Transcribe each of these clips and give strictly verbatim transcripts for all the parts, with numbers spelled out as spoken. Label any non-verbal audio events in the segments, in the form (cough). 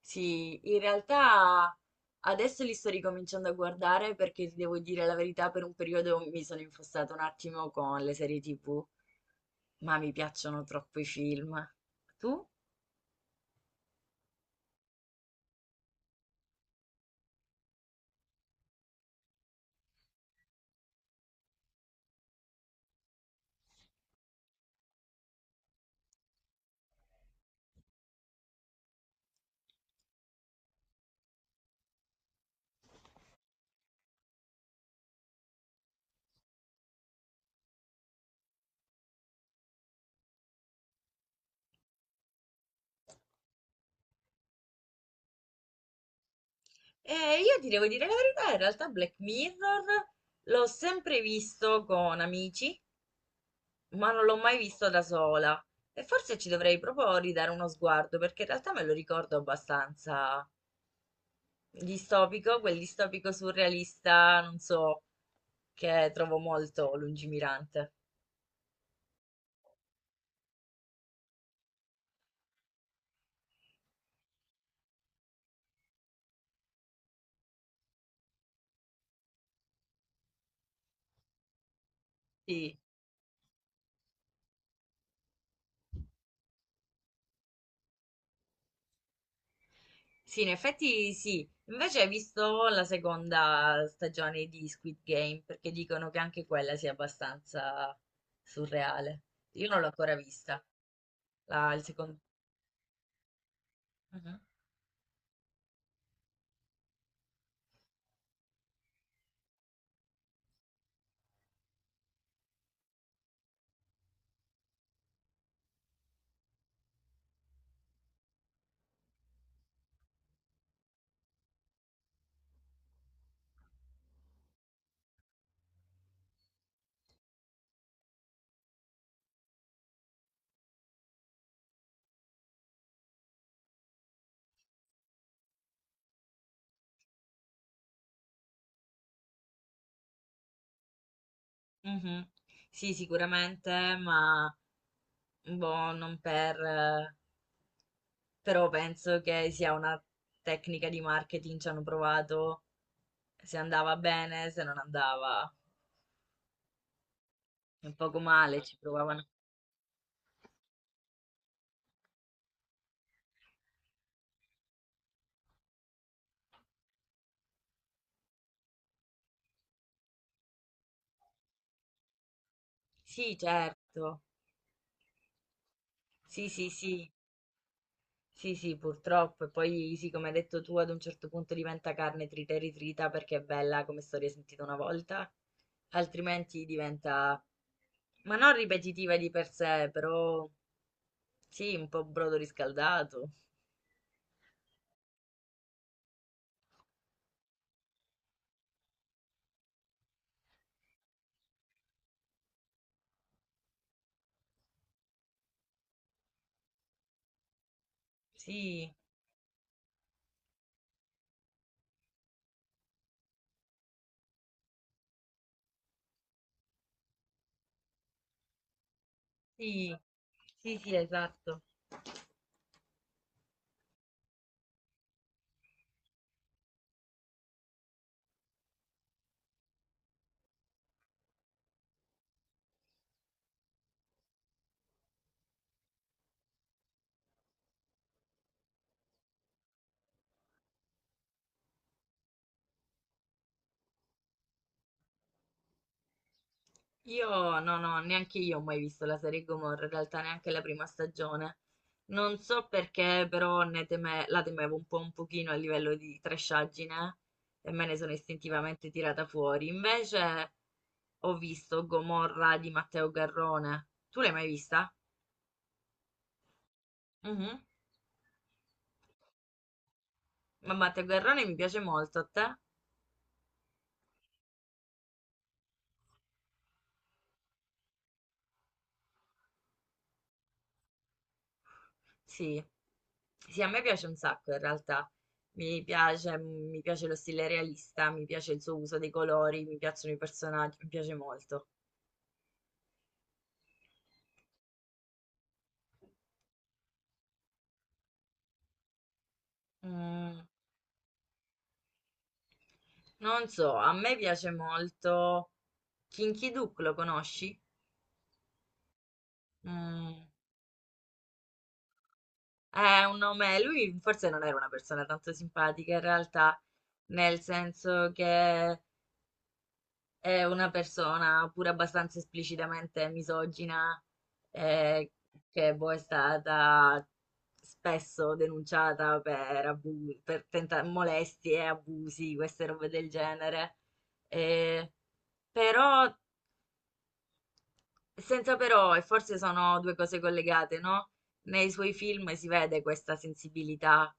Sì, in realtà adesso li sto ricominciando a guardare perché ti devo dire la verità, per un periodo mi sono infossata un attimo con le serie T V, ma mi piacciono troppo i film. Tu? Eh, io ti devo dire la verità, in realtà Black Mirror l'ho sempre visto con amici, ma non l'ho mai visto da sola. E forse ci dovrei proprio ridare uno sguardo perché in realtà me lo ricordo abbastanza distopico, quel distopico surrealista, non so. Che trovo molto lungimirante. Sì, sì, in effetti sì. Invece hai visto la seconda stagione di Squid Game, perché dicono che anche quella sia abbastanza surreale. Io non l'ho ancora vista, la, il secondo... Mhm, mhm. Sì, sicuramente, ma boh, non per... eh, però penso che sia una tecnica di marketing, ci hanno provato, se andava bene, se non andava un poco male, ci provavano. Sì, certo. Sì, sì, sì. Sì, sì, purtroppo. E poi, sì, come hai detto tu, ad un certo punto diventa carne trita e ritrita perché è bella come storia sentita una volta, altrimenti diventa, ma non ripetitiva di per sé, però sì, un po' brodo riscaldato. Sì, sì, sì, sì, esatto. Io no, no, neanche io ho mai visto la serie Gomorra, in realtà neanche la prima stagione. Non so perché, però ne teme- la temevo un po' un pochino a livello di trashaggine e me ne sono istintivamente tirata fuori. Invece ho visto Gomorra di Matteo Garrone. Tu l'hai mai vista? Mhm. Ma Matteo Garrone mi piace molto, a te? Sì. Sì, a me piace un sacco in realtà. Mi piace, mm, mi piace lo stile realista, mi piace il suo uso dei colori, mi piacciono i personaggi, mi piace molto. Mm, non so, a me piace molto Kinky Duke, lo conosci? Mm, è un nome, lui forse non era una persona tanto simpatica in realtà, nel senso che è una persona pure abbastanza esplicitamente misogina, eh, che boh, è stata spesso denunciata per, abu- per tenta- molestie, abusi, queste robe del genere. Eh, però, senza però, e forse sono due cose collegate, no? Nei suoi film si vede questa sensibilità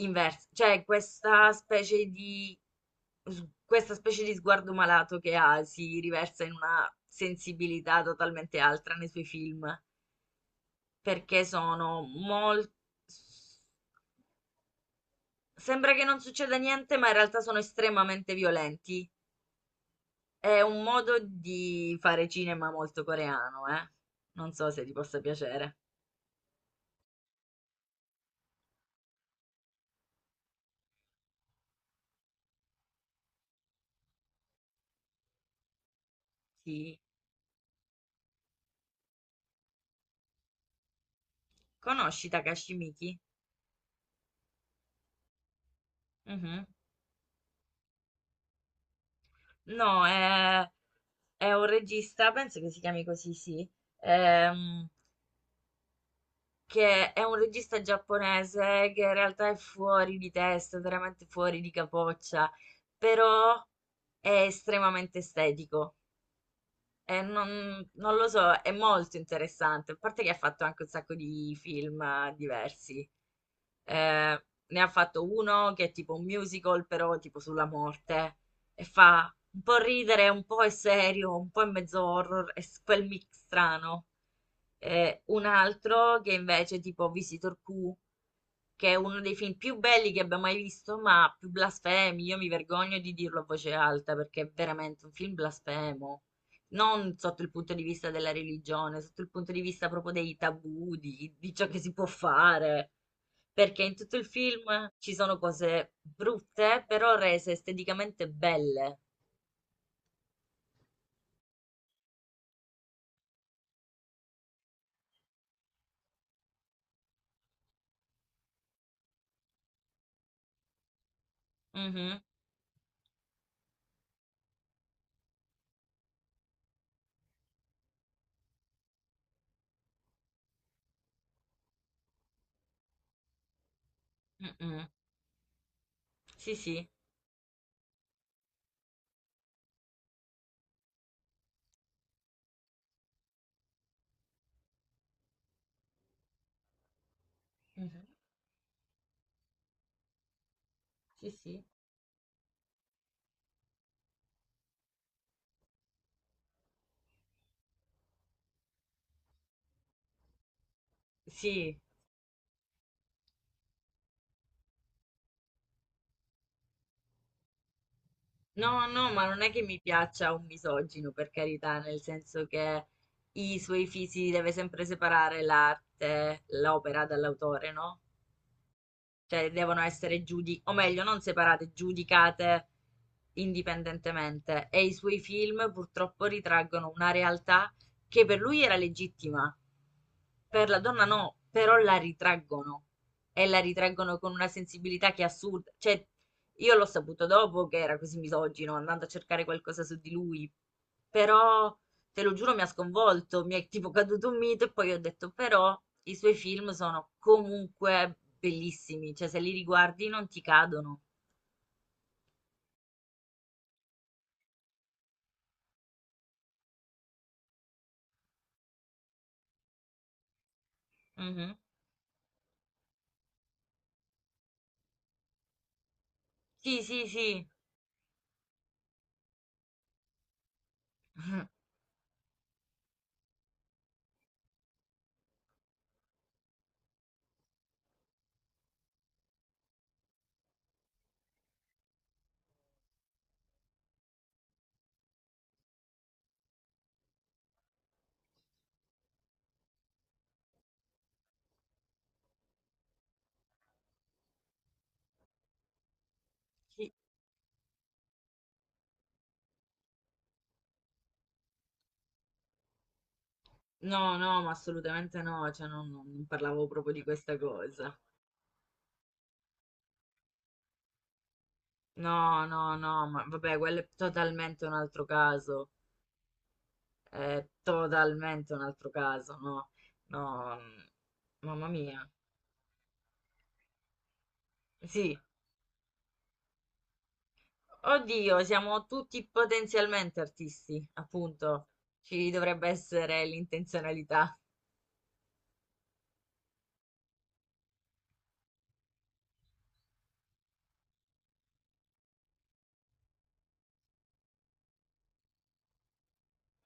inverso, cioè questa specie di s- questa specie di sguardo malato che ha si riversa in una sensibilità totalmente altra nei suoi film, perché sono molto. Sembra che non succeda niente, ma in realtà sono estremamente violenti. È un modo di fare cinema molto coreano, eh. Non so se ti possa piacere. Sì. Conosci Takashi Miike? Mhm. No, è. È un regista, penso che si chiami così, sì, ehm, che è un regista giapponese che in realtà è fuori di testa, veramente fuori di capoccia, però è estremamente estetico. E non, non lo so, è molto interessante, a parte che ha fatto anche un sacco di film eh, diversi. Eh, ne ha fatto uno che è tipo un musical, però tipo sulla morte. E fa un po' ridere, un po' è serio, un po' è mezzo horror, è s- quel mix strano. Eh, un altro che invece è tipo Visitor Q, che è uno dei film più belli che abbia mai visto, ma più blasfemi. Io mi vergogno di dirlo a voce alta perché è veramente un film blasfemo non sotto il punto di vista della religione, sotto il punto di vista proprio dei tabù, di, di ciò che si può fare. Perché in tutto il film ci sono cose brutte, però rese esteticamente belle. Mhm, mm-mm. Sì, sì. Mhm. Sì, sì. Sì. No, no, ma non è che mi piaccia un misogino, per carità, nel senso che i suoi fisi deve sempre separare l'arte, l'opera dall'autore, no? Cioè devono essere giudi o meglio, non separate, giudicate indipendentemente. E i suoi film purtroppo ritraggono una realtà che per lui era legittima, per la donna no, però la ritraggono e la ritraggono con una sensibilità che è assurda. Cioè, io l'ho saputo dopo che era così misogino, andando a cercare qualcosa su di lui, però te lo giuro, mi ha sconvolto, mi è tipo caduto un mito e poi ho detto, però i suoi film sono comunque bellissimi, cioè se li riguardi non ti cadono. Mhm. Sì, sì, sì. (laughs) Sì. No, no, ma assolutamente no, cioè non, non parlavo proprio di questa cosa. No, no, no, ma vabbè, quello è totalmente un altro caso, è totalmente un altro caso, no, no, mm, mamma mia, sì. Oddio, siamo tutti potenzialmente artisti, appunto. Ci dovrebbe essere l'intenzionalità.